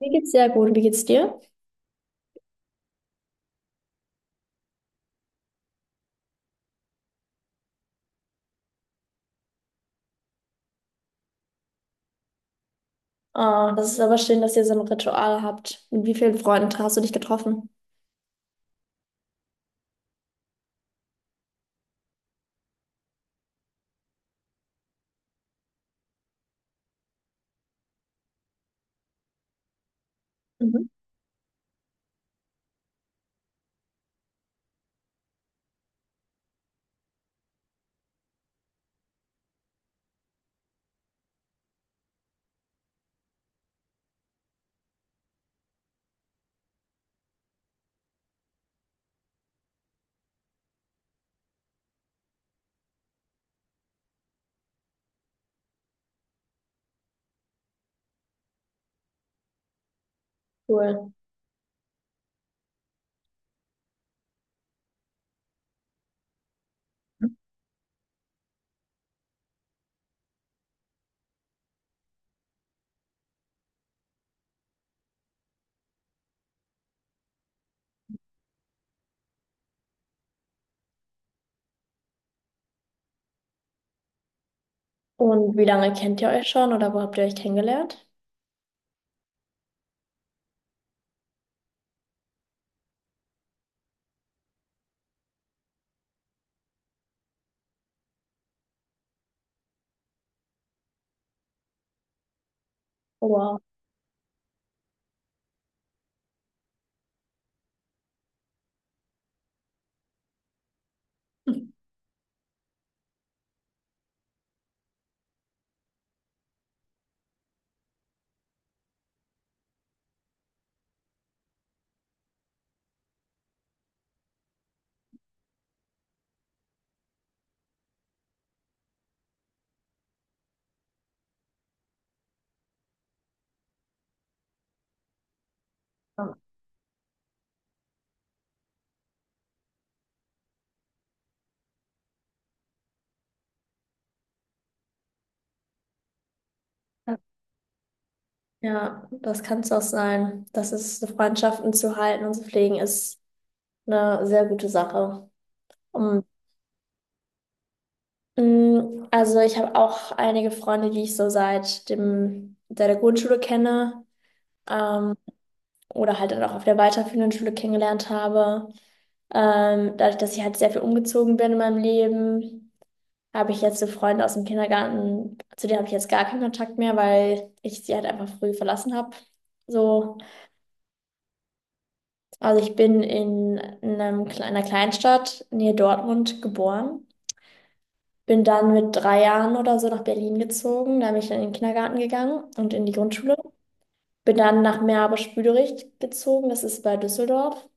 Mir geht's sehr gut. Wie geht's dir? Ah, das ist aber schön, dass ihr so ein Ritual habt. Mit wie vielen Freunden hast du dich getroffen? Mhm. Cool. Und wie lange kennt ihr euch schon oder wo habt ihr euch kennengelernt? Wow. Ja, ja, das kann es auch sein. Das ist, so Freundschaften zu halten und zu pflegen, ist eine sehr gute Sache, um Also ich habe auch einige Freunde, die ich so seit der Grundschule kenne, ähm, oder halt dann auch auf der weiterführenden Schule kennengelernt habe. Dadurch, dass ich halt sehr viel umgezogen bin in meinem Leben, habe ich jetzt so Freunde aus dem Kindergarten, zu denen habe ich jetzt gar keinen Kontakt mehr, weil ich sie halt einfach früh verlassen habe. So, also ich bin in einer Kleinstadt, nähe Dortmund, geboren. Bin dann mit 3 Jahren oder so nach Berlin gezogen. Da bin ich dann in den Kindergarten gegangen und in die Grundschule. Bin dann nach Meerbusch-Büderich gezogen, das ist bei Düsseldorf.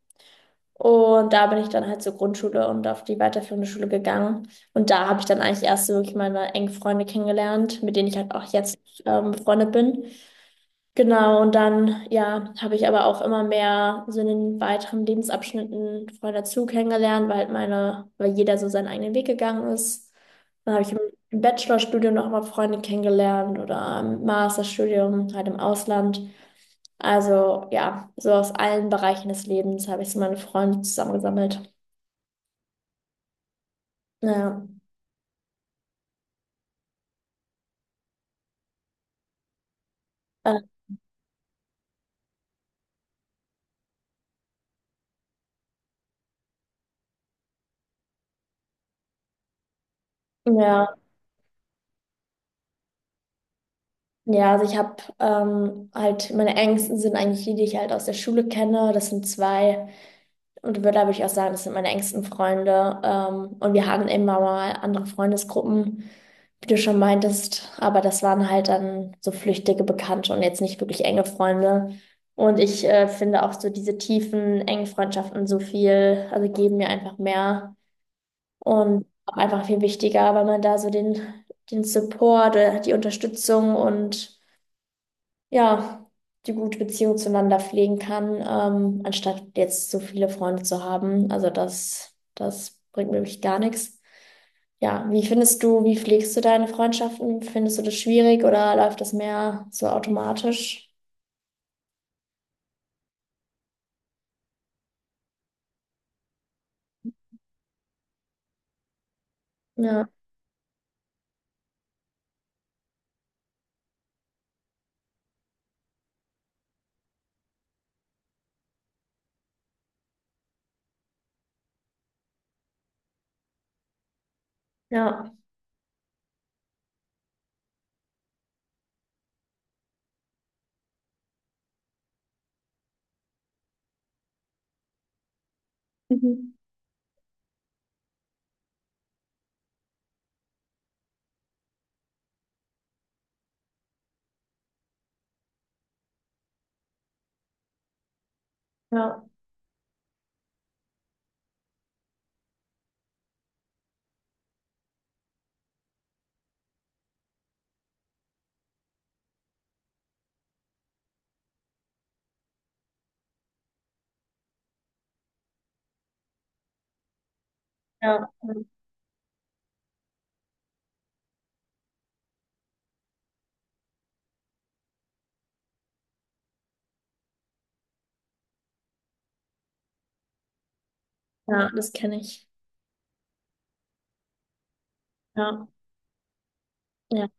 Und da bin ich dann halt zur Grundschule und auf die weiterführende Schule gegangen. Und da habe ich dann eigentlich erst so wirklich meine engen Freunde kennengelernt, mit denen ich halt auch jetzt befreundet bin. Genau, und dann, ja, habe ich aber auch immer mehr so in den weiteren Lebensabschnitten Freunde dazu kennengelernt, weil halt meine, weil jeder so seinen eigenen Weg gegangen ist. Dann habe ich im Bachelorstudium noch mal Freunde kennengelernt oder im Masterstudium halt im Ausland. Also ja, so aus allen Bereichen des Lebens habe ich so meine Freunde zusammengesammelt. Ja, äh, ja, ja, also ich habe halt, meine engsten sind eigentlich die, die ich halt aus der Schule kenne. Das sind zwei. Und würde aber ich auch sagen, das sind meine engsten Freunde. Und wir hatten immer mal andere Freundesgruppen, wie du schon meintest. Aber das waren halt dann so flüchtige Bekannte und jetzt nicht wirklich enge Freunde. Und ich finde auch so diese tiefen, engen Freundschaften so viel, also geben mir einfach mehr und auch einfach viel wichtiger, weil man da so den Support, die Unterstützung und ja, die gute Beziehung zueinander pflegen kann, anstatt jetzt so viele Freunde zu haben. Also das bringt mir wirklich gar nichts. Ja, wie pflegst du deine Freundschaften? Findest du das schwierig oder läuft das mehr so automatisch? Ja, ja, mhm. Ja, ja, ja, das kenne ich. Ja, ja.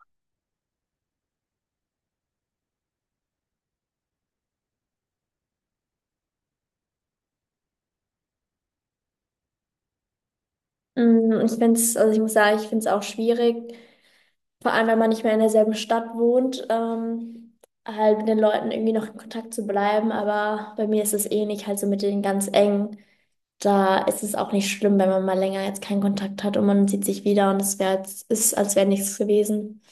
Also ich muss sagen, ich finde es auch schwierig. Vor allem, wenn man nicht mehr in derselben Stadt wohnt, halt mit den Leuten irgendwie noch in Kontakt zu bleiben. Aber bei mir ist es ähnlich, halt so mit den ganz engen. Da ist es auch nicht schlimm, wenn man mal länger jetzt keinen Kontakt hat und man sieht sich wieder und ist, als wäre nichts gewesen.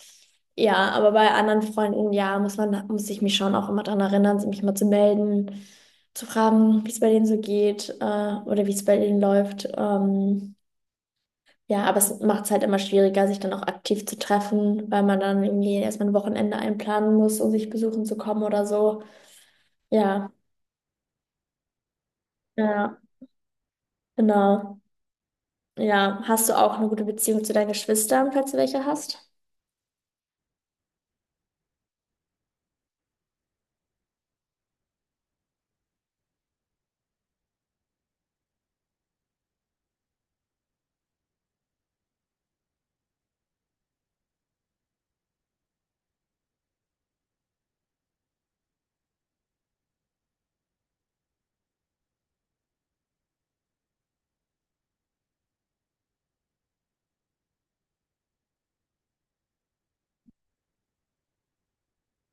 Ja, aber bei anderen Freunden, ja, muss ich mich schon auch immer daran erinnern, mich mal zu melden, zu fragen, wie es bei denen so geht, oder wie es bei denen läuft. Ja, aber es macht es halt immer schwieriger, sich dann auch aktiv zu treffen, weil man dann irgendwie erstmal ein Wochenende einplanen muss, um sich besuchen zu kommen oder so. Ja, ja, genau. Ja, hast du auch eine gute Beziehung zu deinen Geschwistern, falls du welche hast?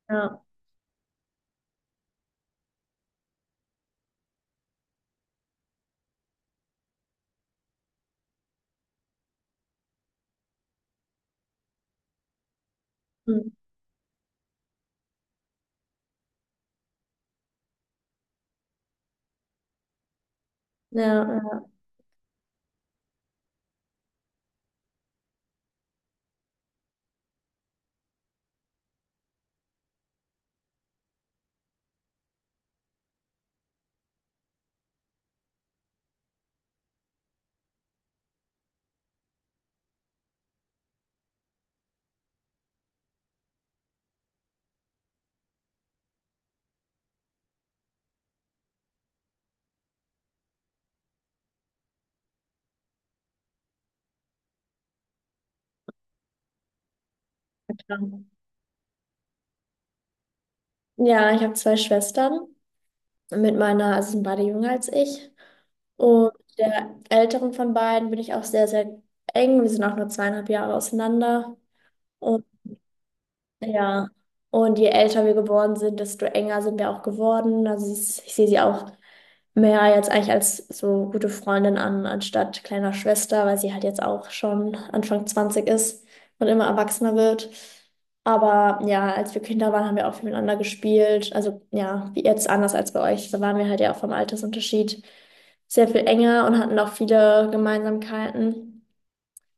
Ja, hm. Ja, ja. Ja, ich habe zwei Schwestern. Also sind beide jünger als ich. Und der älteren von beiden bin ich auch sehr, sehr eng. Wir sind auch nur 2,5 Jahre auseinander. Ja, und je älter wir geworden sind, desto enger sind wir auch geworden. Ich sehe sie auch mehr jetzt eigentlich als so gute Freundin an, anstatt kleiner Schwester, weil sie halt jetzt auch schon Anfang 20 ist und immer erwachsener wird. Aber ja, als wir Kinder waren, haben wir auch viel miteinander gespielt. Also ja, wie jetzt anders als bei euch. Da waren wir halt ja auch vom Altersunterschied sehr viel enger und hatten auch viele Gemeinsamkeiten.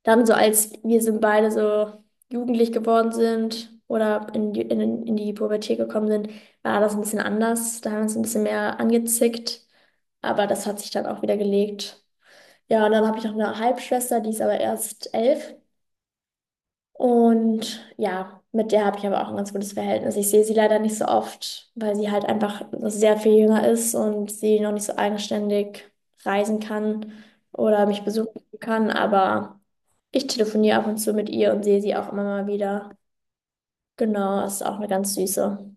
Dann so als wir sind beide so jugendlich geworden sind oder in die Pubertät gekommen sind, war das ein bisschen anders. Da haben wir uns ein bisschen mehr angezickt, aber das hat sich dann auch wieder gelegt. Ja, und dann habe ich noch eine Halbschwester, die ist aber erst 11. Und ja, mit der habe ich aber auch ein ganz gutes Verhältnis. Ich sehe sie leider nicht so oft, weil sie halt einfach sehr viel jünger ist und sie noch nicht so eigenständig reisen kann oder mich besuchen kann, aber. Ich telefoniere ab und zu mit ihr und sehe sie auch immer mal wieder. Genau, ist auch eine ganz süße.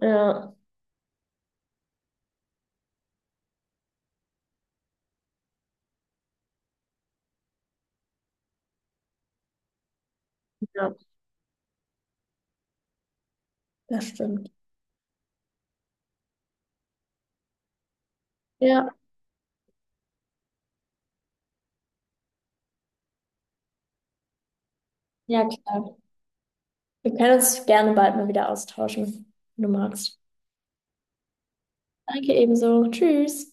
Ja, ja, das stimmt. Ja, ja, klar. Wir können uns gerne bald mal wieder austauschen, wenn du magst. Danke ebenso. Tschüss.